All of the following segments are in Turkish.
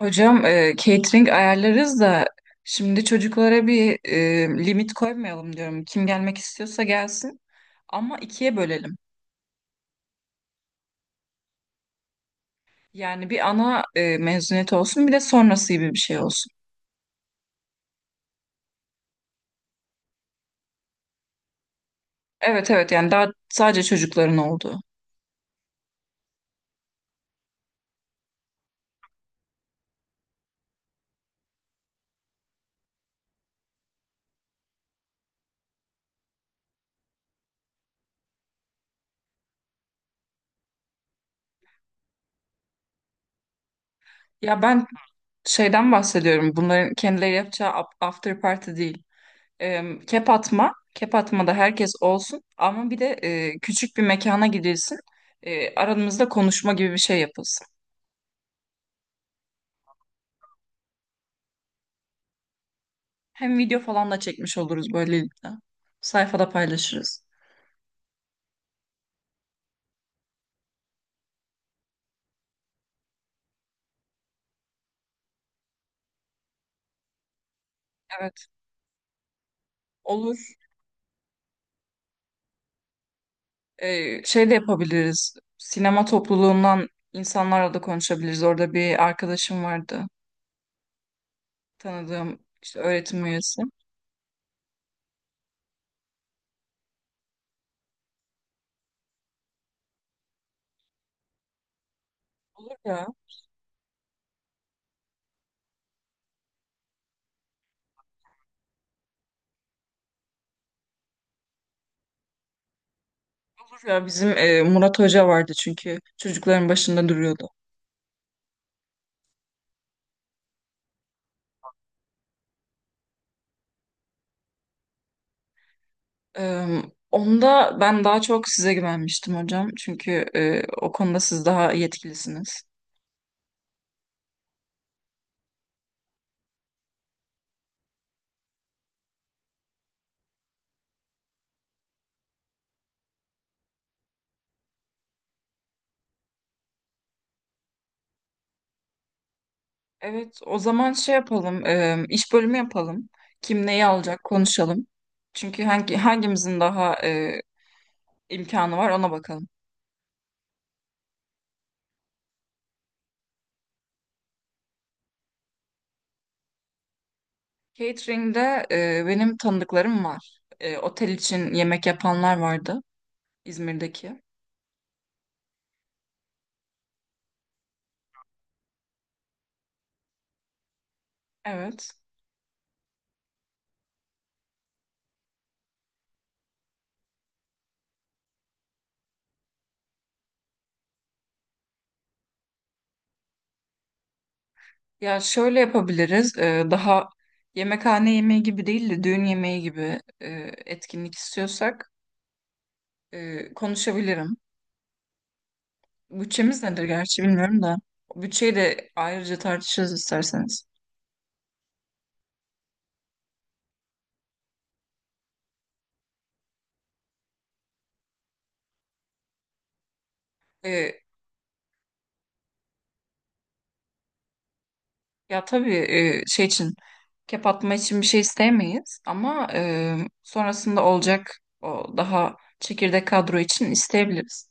Hocam catering ayarlarız da şimdi çocuklara bir limit koymayalım diyorum. Kim gelmek istiyorsa gelsin ama ikiye bölelim. Yani bir ana mezuniyet olsun bir de sonrası gibi bir şey olsun. Evet evet, yani daha sadece çocukların olduğu. Ya ben şeyden bahsediyorum, bunların kendileri yapacağı after party değil. Kep atma, kep atmada herkes olsun ama bir de küçük bir mekana gidilsin. Aranızda konuşma gibi bir şey yapılsın. Hem video falan da çekmiş oluruz böylelikle. Sayfada paylaşırız. Evet, olur. Şey de yapabiliriz. Sinema topluluğundan insanlarla da konuşabiliriz. Orada bir arkadaşım vardı. Tanıdığım işte öğretim üyesi. Olur ya. Olur ya. Bizim Murat Hoca vardı çünkü çocukların başında duruyordu. Ee, Onda ben daha çok size güvenmiştim hocam. Çünkü o konuda siz daha yetkilisiniz. Evet, o zaman şey yapalım, iş bölümü yapalım. Kim neyi alacak konuşalım. Çünkü hangimizin daha imkanı var ona bakalım. Catering'de benim tanıdıklarım var. E, otel için yemek yapanlar vardı İzmir'deki. Evet. Ya şöyle yapabiliriz. Daha yemekhane yemeği gibi değil de düğün yemeği gibi etkinlik istiyorsak konuşabilirim. Bütçemiz nedir gerçi bilmiyorum da. Bütçeyi de ayrıca tartışırız isterseniz. Ya tabii şey için kep atma için bir şey istemeyiz ama sonrasında olacak o daha çekirdek kadro için isteyebiliriz.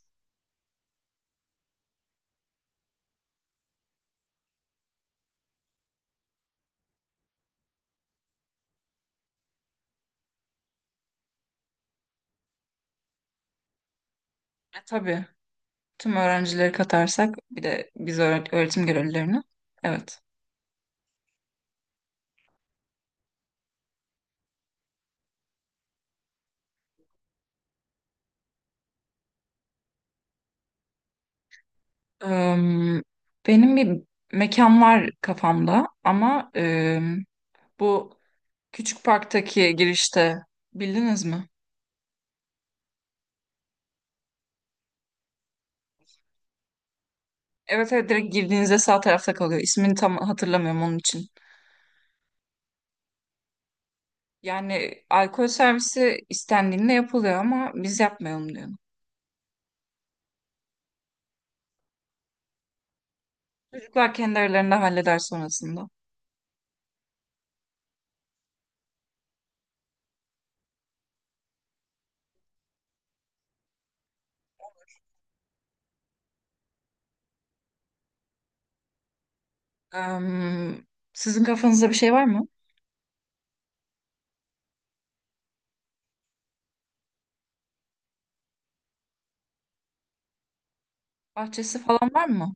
E, tabii tüm öğrencileri katarsak bir de biz öğretim görevlilerini. Evet. Em, Benim bir mekan var kafamda ama bu küçük parktaki girişte bildiniz mi? Evet evet, direkt girdiğinizde sağ tarafta kalıyor. İsmini tam hatırlamıyorum onun için. Yani alkol servisi istendiğinde yapılıyor ama biz yapmayalım diyorum. Çocuklar kendi aralarında halleder sonrasında. Em, Sizin kafanızda bir şey var mı? Bahçesi falan var mı?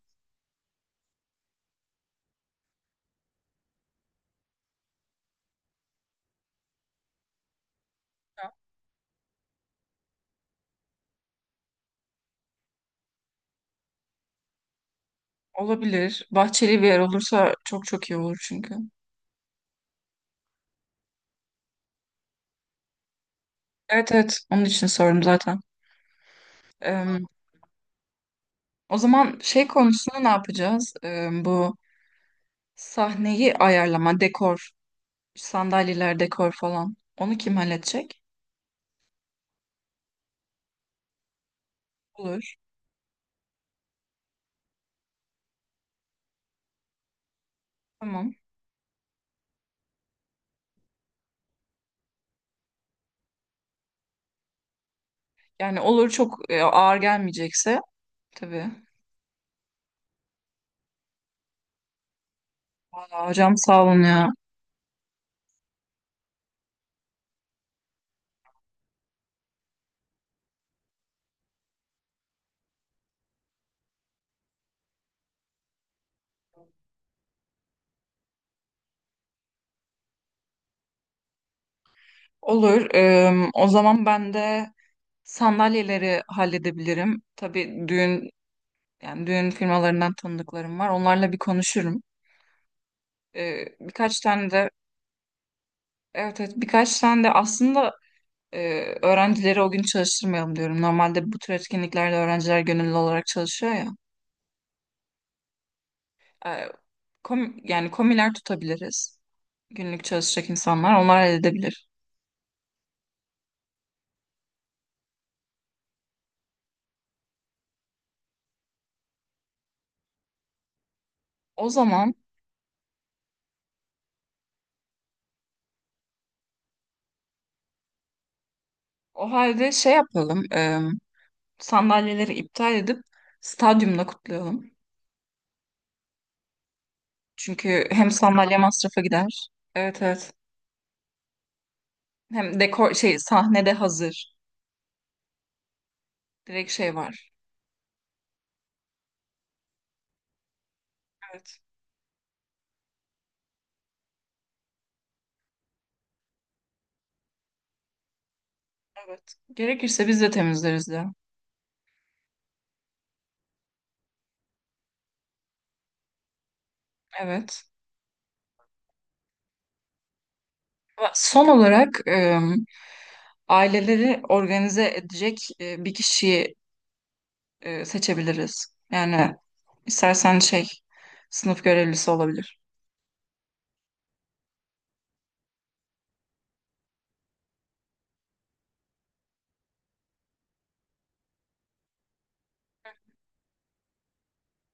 Olabilir. Bahçeli bir yer olursa çok çok iyi olur çünkü. Evet evet, onun için sordum zaten. Em, O zaman şey konusunda ne yapacağız? Bu sahneyi ayarlama, dekor, sandalyeler, dekor falan. Onu kim halledecek? Olur. Tamam. Yani olur, çok ağır gelmeyecekse tabii. Ya Hocam sağ olun ya. Olur. O zaman ben de sandalyeleri halledebilirim. Tabii düğün, yani düğün firmalarından tanıdıklarım var. Onlarla bir konuşurum. Birkaç tane de evet evet, birkaç tane de aslında öğrencileri o gün çalıştırmayalım diyorum. Normalde bu tür etkinliklerde öğrenciler gönüllü olarak çalışıyor ya. Eee, Yani komiler tutabiliriz. Günlük çalışacak insanlar onlar halledebilir. O zaman o halde şey yapalım. Sandalyeleri iptal edip stadyumda kutlayalım. Çünkü hem sandalye masrafa gider. Evet evet. Hem dekor şey sahnede hazır. Direkt şey var. Evet. Evet. Gerekirse biz de temizleriz de. Evet. Ve son olarak aileleri organize edecek bir kişiyi seçebiliriz. Yani istersen şey sınıf görevlisi olabilir.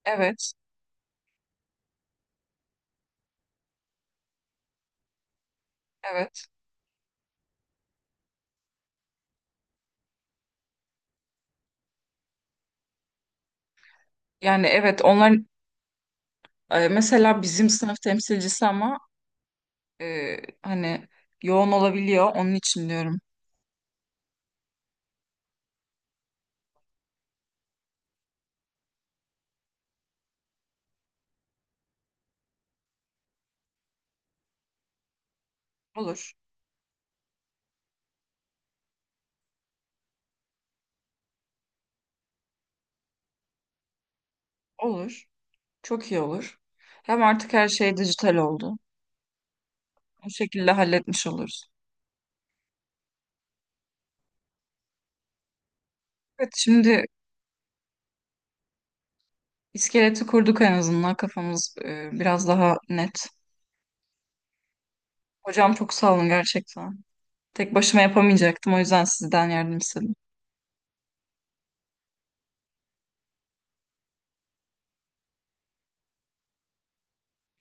Evet. Evet. Yani evet, onlar mesela bizim sınıf temsilcisi ama e, hani yoğun olabiliyor. Onun için diyorum. Olur. Olur. Çok iyi olur. Hem artık her şey dijital oldu. Bu şekilde halletmiş oluruz. Evet, şimdi iskeleti kurduk en azından. Kafamız biraz daha net. Hocam çok sağ olun gerçekten. Tek başıma yapamayacaktım. O yüzden sizden yardım istedim.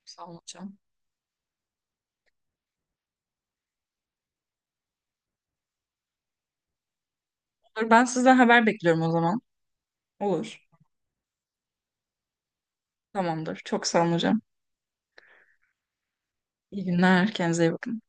Sağ olun hocam. Olur, ben sizden haber bekliyorum o zaman. Olur. Tamamdır. Çok sağ olun hocam. İyi günler. Kendinize iyi bakın.